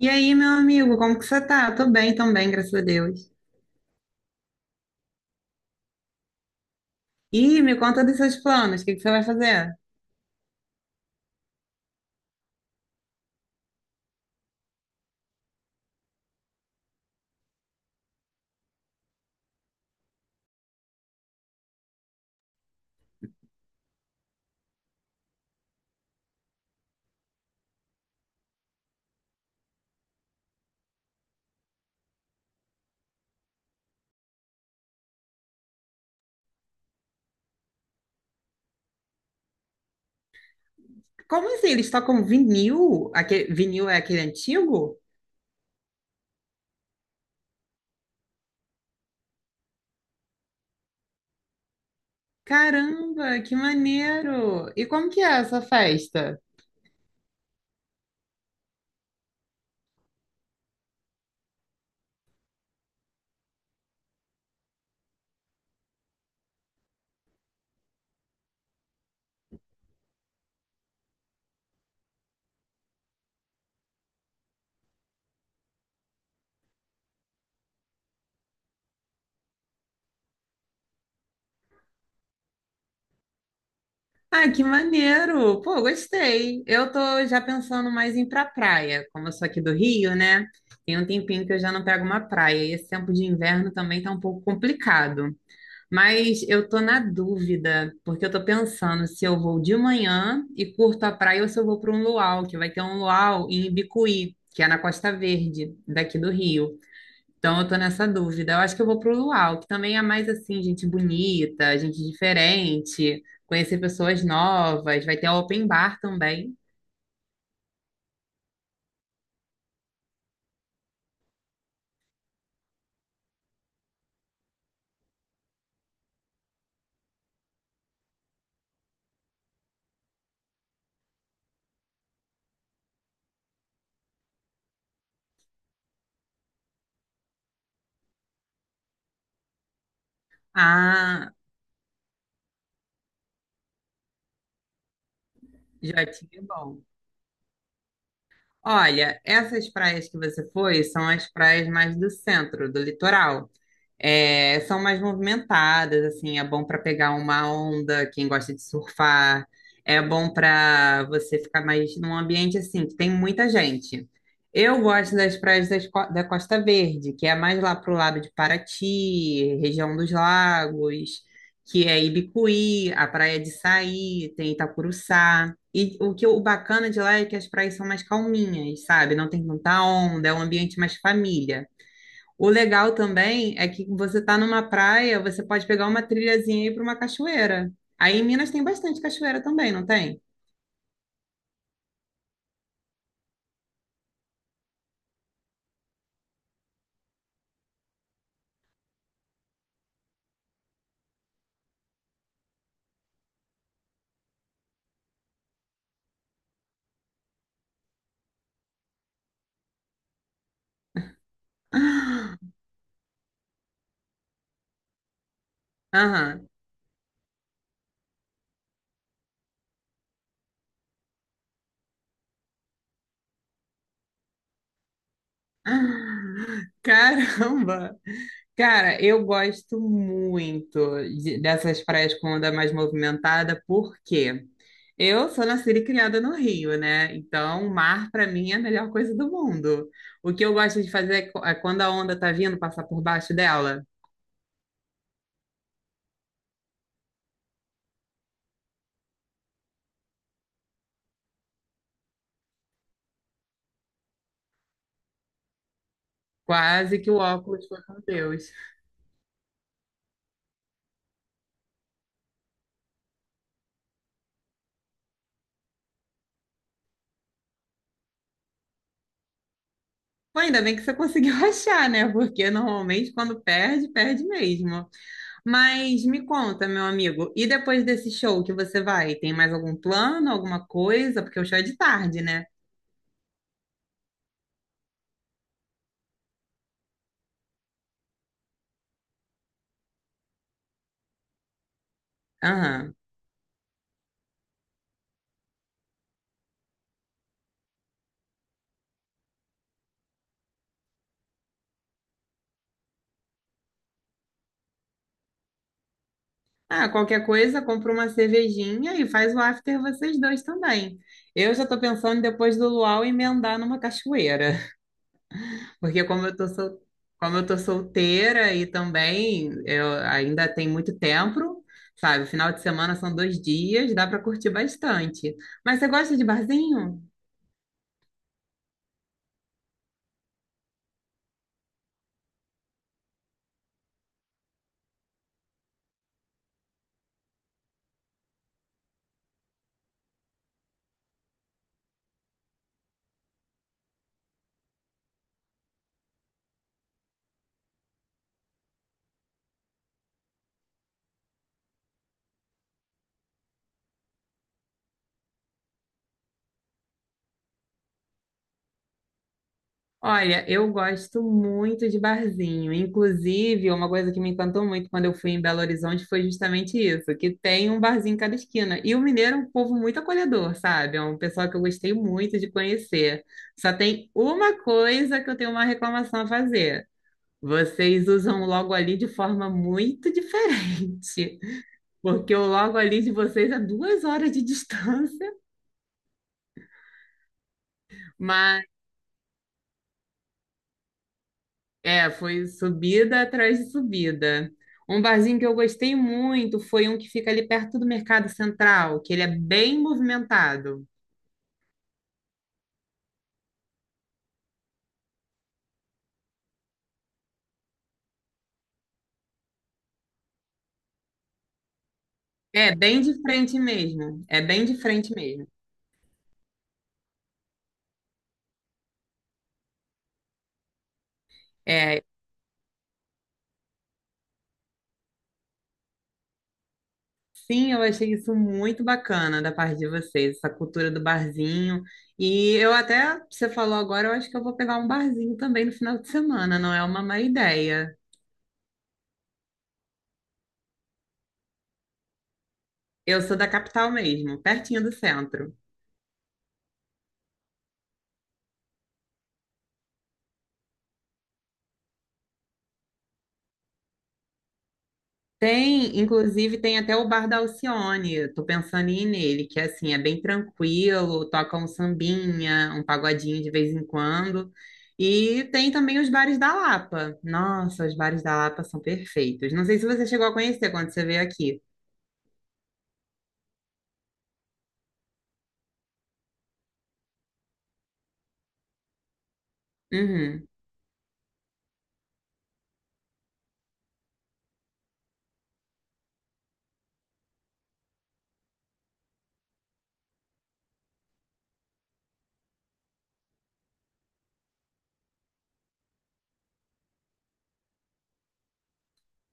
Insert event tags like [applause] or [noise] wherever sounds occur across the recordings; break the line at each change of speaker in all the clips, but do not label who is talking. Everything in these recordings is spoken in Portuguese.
E aí, meu amigo, como que você tá? Tô bem também, graças a Deus. E me conta dos seus planos, o que que você vai fazer? Como assim? Eles tocam vinil? Aquele, vinil é aquele antigo? Caramba, que maneiro! E como que é essa festa? Ah, que maneiro! Pô, gostei. Eu tô já pensando mais em ir pra praia, como eu sou aqui do Rio, né? Tem um tempinho que eu já não pego uma praia e esse tempo de inverno também tá um pouco complicado. Mas eu tô na dúvida, porque eu tô pensando se eu vou de manhã e curto a praia ou se eu vou para um luau, que vai ter um luau em Ibicuí, que é na Costa Verde, daqui do Rio. Então eu tô nessa dúvida. Eu acho que eu vou pro luau, que também é mais assim, gente bonita, gente diferente, conhecer pessoas novas, vai ter open bar também. Ah, já tive bom. Olha, essas praias que você foi são as praias mais do centro, do litoral. É, são mais movimentadas, assim, é bom para pegar uma onda, quem gosta de surfar, é bom para você ficar mais num ambiente assim, que tem muita gente. Eu gosto das praias das da Costa Verde, que é mais lá pro lado de Paraty, região dos lagos, que é Ibicuí, a praia de Saí, tem Itacuruçá. E o que o bacana de lá é que as praias são mais calminhas, sabe? Não tem tanta onda, é um ambiente mais família. O legal também é que você tá numa praia, você pode pegar uma trilhazinha e ir para uma cachoeira. Aí em Minas tem bastante cachoeira também, não tem? [gasps] Ah, aham. Ah, caramba! Cara, eu gosto muito dessas praias com onda mais movimentada, porque eu sou nascida e criada no Rio, né? Então, o mar para mim é a melhor coisa do mundo. O que eu gosto de fazer é é quando a onda tá vindo, passar por baixo dela. Quase que o óculos foi com Deus. Pô, ainda bem que você conseguiu [laughs] achar, né? Porque normalmente quando perde, perde mesmo. Mas me conta, meu amigo, e depois desse show que você vai, tem mais algum plano, alguma coisa? Porque o show é de tarde, né? Aham. Ah, qualquer coisa, compra uma cervejinha e faz o after vocês dois também. Eu já tô pensando em depois do luau emendar numa cachoeira. Porque como eu como eu tô solteira e também eu ainda tem muito tempo, sabe? Final de semana são 2 dias, dá para curtir bastante. Mas você gosta de barzinho? Olha, eu gosto muito de barzinho. Inclusive, uma coisa que me encantou muito quando eu fui em Belo Horizonte foi justamente isso, que tem um barzinho em cada esquina. E o mineiro é um povo muito acolhedor, sabe? É um pessoal que eu gostei muito de conhecer. Só tem uma coisa que eu tenho uma reclamação a fazer. Vocês usam o logo ali de forma muito diferente, [laughs] porque o logo ali de vocês é 2 horas de distância, mas é, foi subida atrás de subida. Um barzinho que eu gostei muito foi um que fica ali perto do Mercado Central, que ele é bem movimentado. É, bem de frente mesmo. É bem de frente mesmo. É, sim, eu achei isso muito bacana da parte de vocês, essa cultura do barzinho. E eu até, você falou agora, eu acho que eu vou pegar um barzinho também no final de semana, não é uma má ideia. Eu sou da capital mesmo, pertinho do centro. Tem, inclusive, tem até o Bar da Alcione, eu tô pensando em ir nele, que assim, é bem tranquilo, toca um sambinha, um pagodinho de vez em quando. E tem também os bares da Lapa. Nossa, os bares da Lapa são perfeitos. Não sei se você chegou a conhecer quando você veio aqui. Uhum.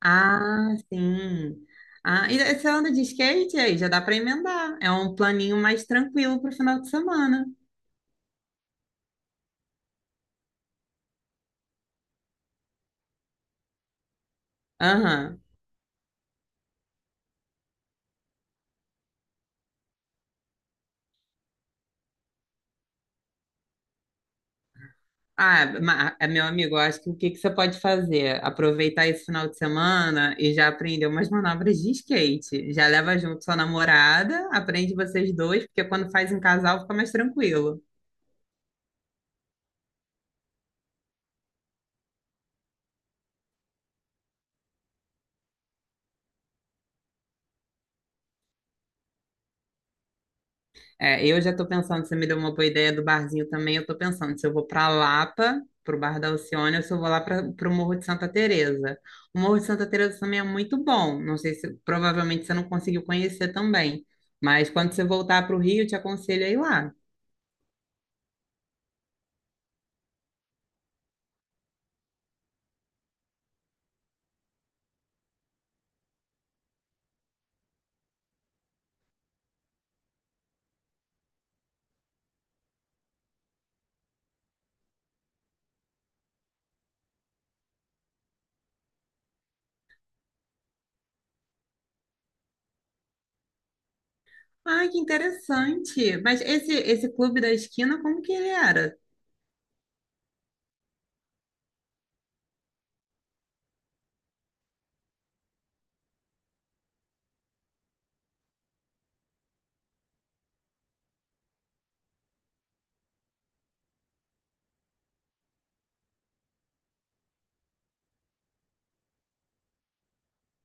Ah, sim. Ah, e você anda de skate aí? Já dá para emendar. É um planinho mais tranquilo para o final de semana. Aham. Ah, meu amigo, eu acho que o que que você pode fazer? Aproveitar esse final de semana e já aprender umas manobras de skate. Já leva junto sua namorada, aprende vocês dois, porque quando faz em casal fica mais tranquilo. É, eu já tô pensando, você me deu uma boa ideia do barzinho também, eu tô pensando se eu vou pra Lapa, pro Bar da Alcione, ou se eu vou lá para pro Morro de Santa Teresa. O Morro de Santa Teresa também é muito bom, não sei se, provavelmente você não conseguiu conhecer também, mas quando você voltar pro Rio, eu te aconselho a ir lá. Ai, que interessante! Mas esse clube da esquina, como que ele era?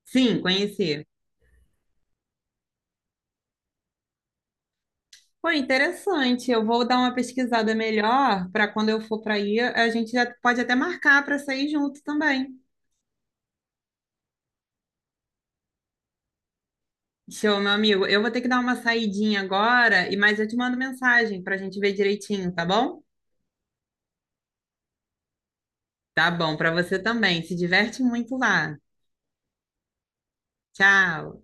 Sim, conheci. Foi interessante. Eu vou dar uma pesquisada melhor para quando eu for para aí, a gente já pode até marcar para sair junto também. Show, meu amigo. Eu vou ter que dar uma saidinha agora, e mas eu te mando mensagem para a gente ver direitinho, tá bom? Tá bom, para você também. Se diverte muito lá. Tchau.